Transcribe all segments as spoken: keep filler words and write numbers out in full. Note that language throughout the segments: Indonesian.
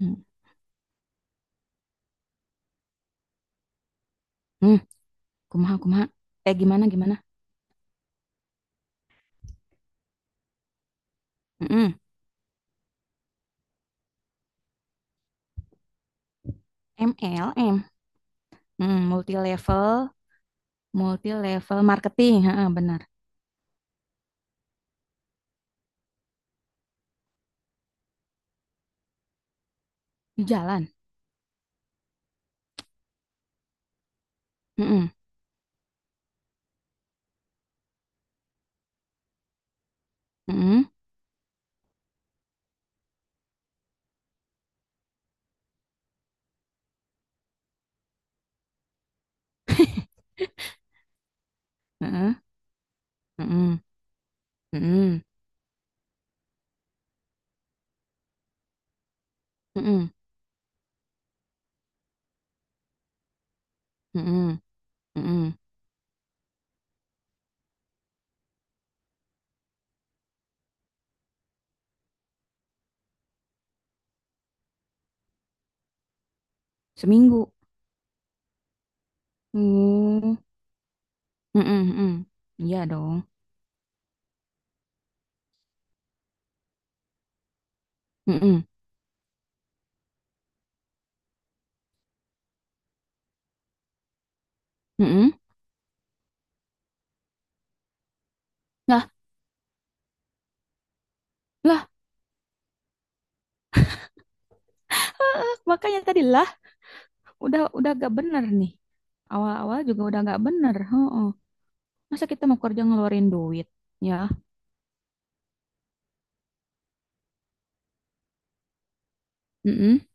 Hmm. Hmm. Kumaha kumaha. Kayak gimana gimana? Hmm. M L M. Hmm, multi level, multi level marketing. Heeh, benar. Di jalan. Hmm. Hmm. Hmm. Hmm. Hmm. Hmm. Hmm. Hmm. Seminggu. Hmm, hmm, hmm. Iya dong. Hmm, hmm. Hmm. Lah, lah. Ah, makanya tadi lah, udah udah gak bener nih. Awal-awal juga udah gak bener. Heeh. Masa kita mau kerja ngeluarin duit, ya? Mm-mm.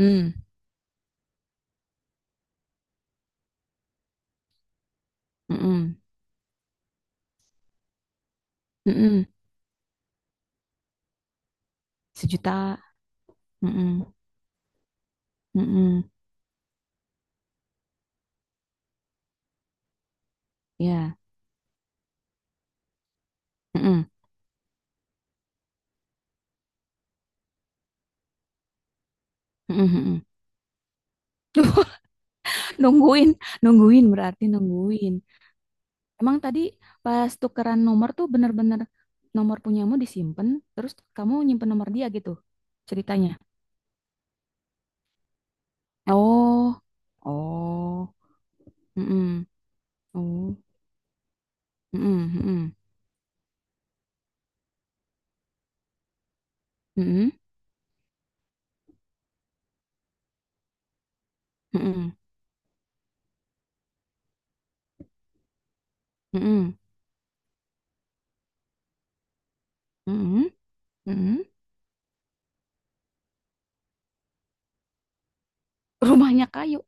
Mmm. Mhm, mhm. Sejuta. Mhm, mhm. Iya. Mhm, mhm, mhm. Duh, nungguin, nungguin berarti nungguin. Emang tadi pas tukeran nomor tuh bener-bener, nomor punyamu disimpan, terus kamu nyimpen nomor dia gitu ceritanya. Oh, oh. Mhm. Oh. Mhm, mhm, mhm, mhm, mhm, mhm, mhm. Rumahnya kayu.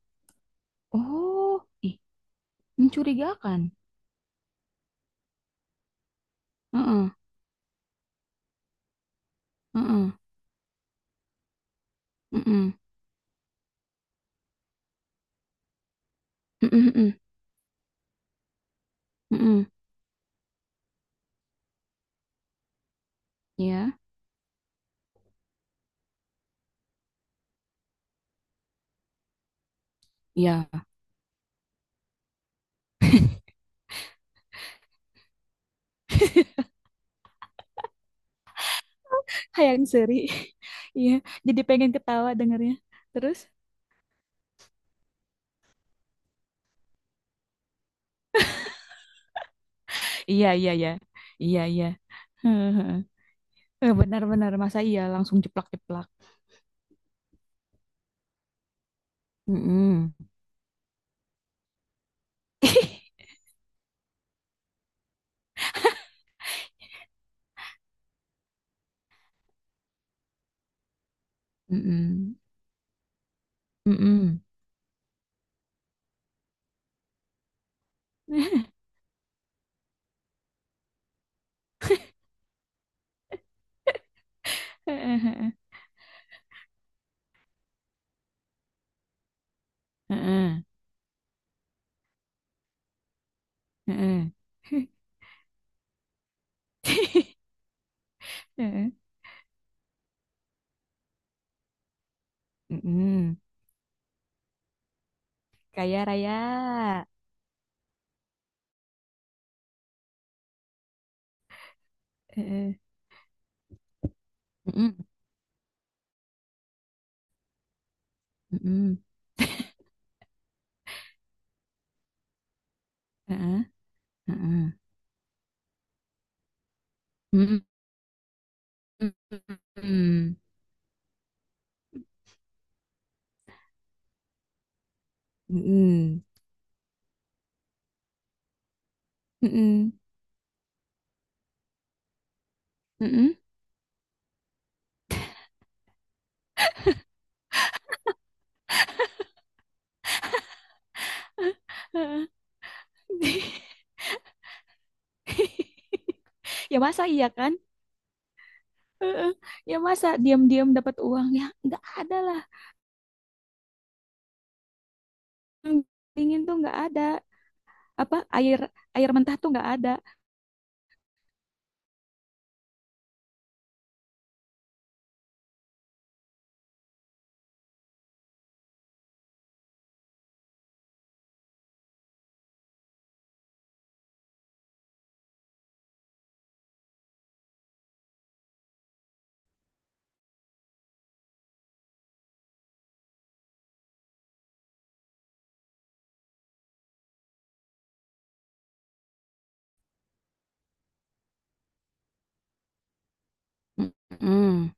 Oh, ih, mencurigakan. Heeh, heeh. Mm-mm. Mm-mm, mm-mm, mm-mm. Iya, iya. Hayang Seri. Iya, jadi pengen ketawa dengernya. Terus? Iya, iya, iya. Iya, iya. Hehehe. Eh, benar-benar masa iya langsung jeplak-jeplak. Mm-mm. Mm-mm. Mm-mm. Mm-mm. Mm-mm. Mm-mm. Kaya raya. Mm-mm. Mm-mm. Mm-mm. Heeh, heeh. Mm-mm. Mm-mm. Mm-mm. Mm-mm. Mm-mm. Heeh. Ya masa iya kan? Heeh. Ya masa diam-diam dapat uang, ya nggak ada lah. Yang dingin tuh nggak ada. Apa air, air mentah tuh nggak ada. Mm-mm.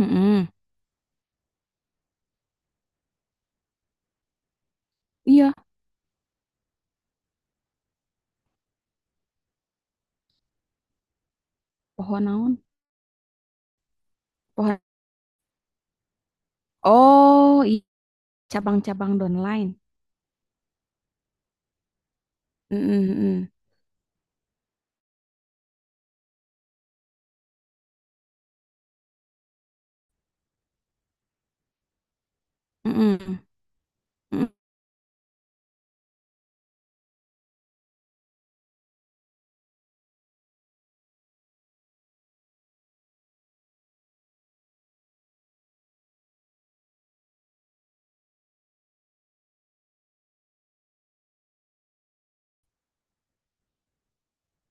Mm-mm. Iya, pohon naon? Pohon. Oh, i- cabang-cabang downline. Mm-mm. Mm-mm. Mm-mm.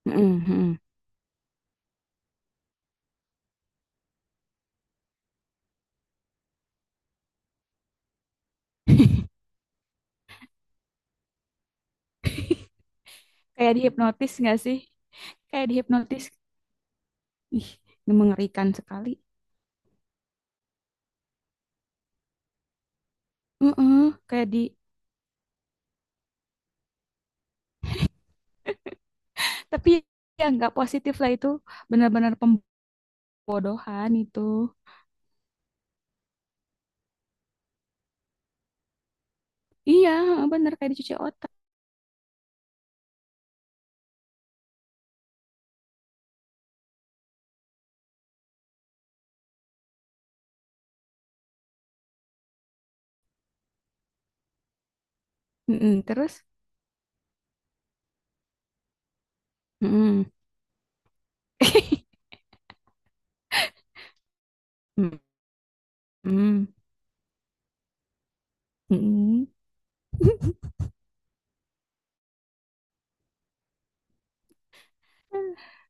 Mm-mm. Mm-mm. Kayak dihipnotis nggak sih? Kayak dihipnotis. Ih, ini mengerikan sekali. Heeh. Kayak di, tapi ya nggak positif lah itu, benar-benar pembodohan itu. Iya, benar kayak dicuci otak. Mm-mm, terus? Mm-mm. Mm-mm, mm-mm.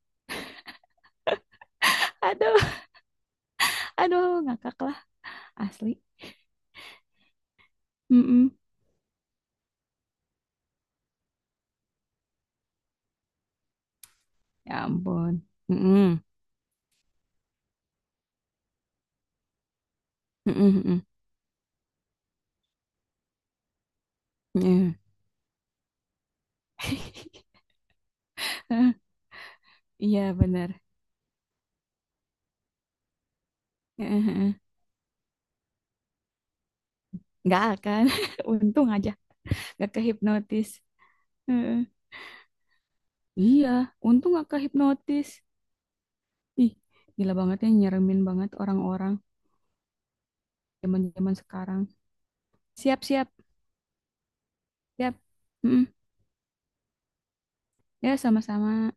Aduh, aduh, ngakak lah asli. Mm-mm. Ya ampun. Mm-mm, mm-mm, mm-mm, mm-mm. Iya, benar. Heeh. Nggak akan. Untung aja nggak kehipnotis. Heeh. Iya, untung nggak kehipnotis. Ih, gila banget ya, nyeremin banget orang-orang zaman-zaman sekarang. Siap, siap, siap. Mm-mm. Ya, sama-sama.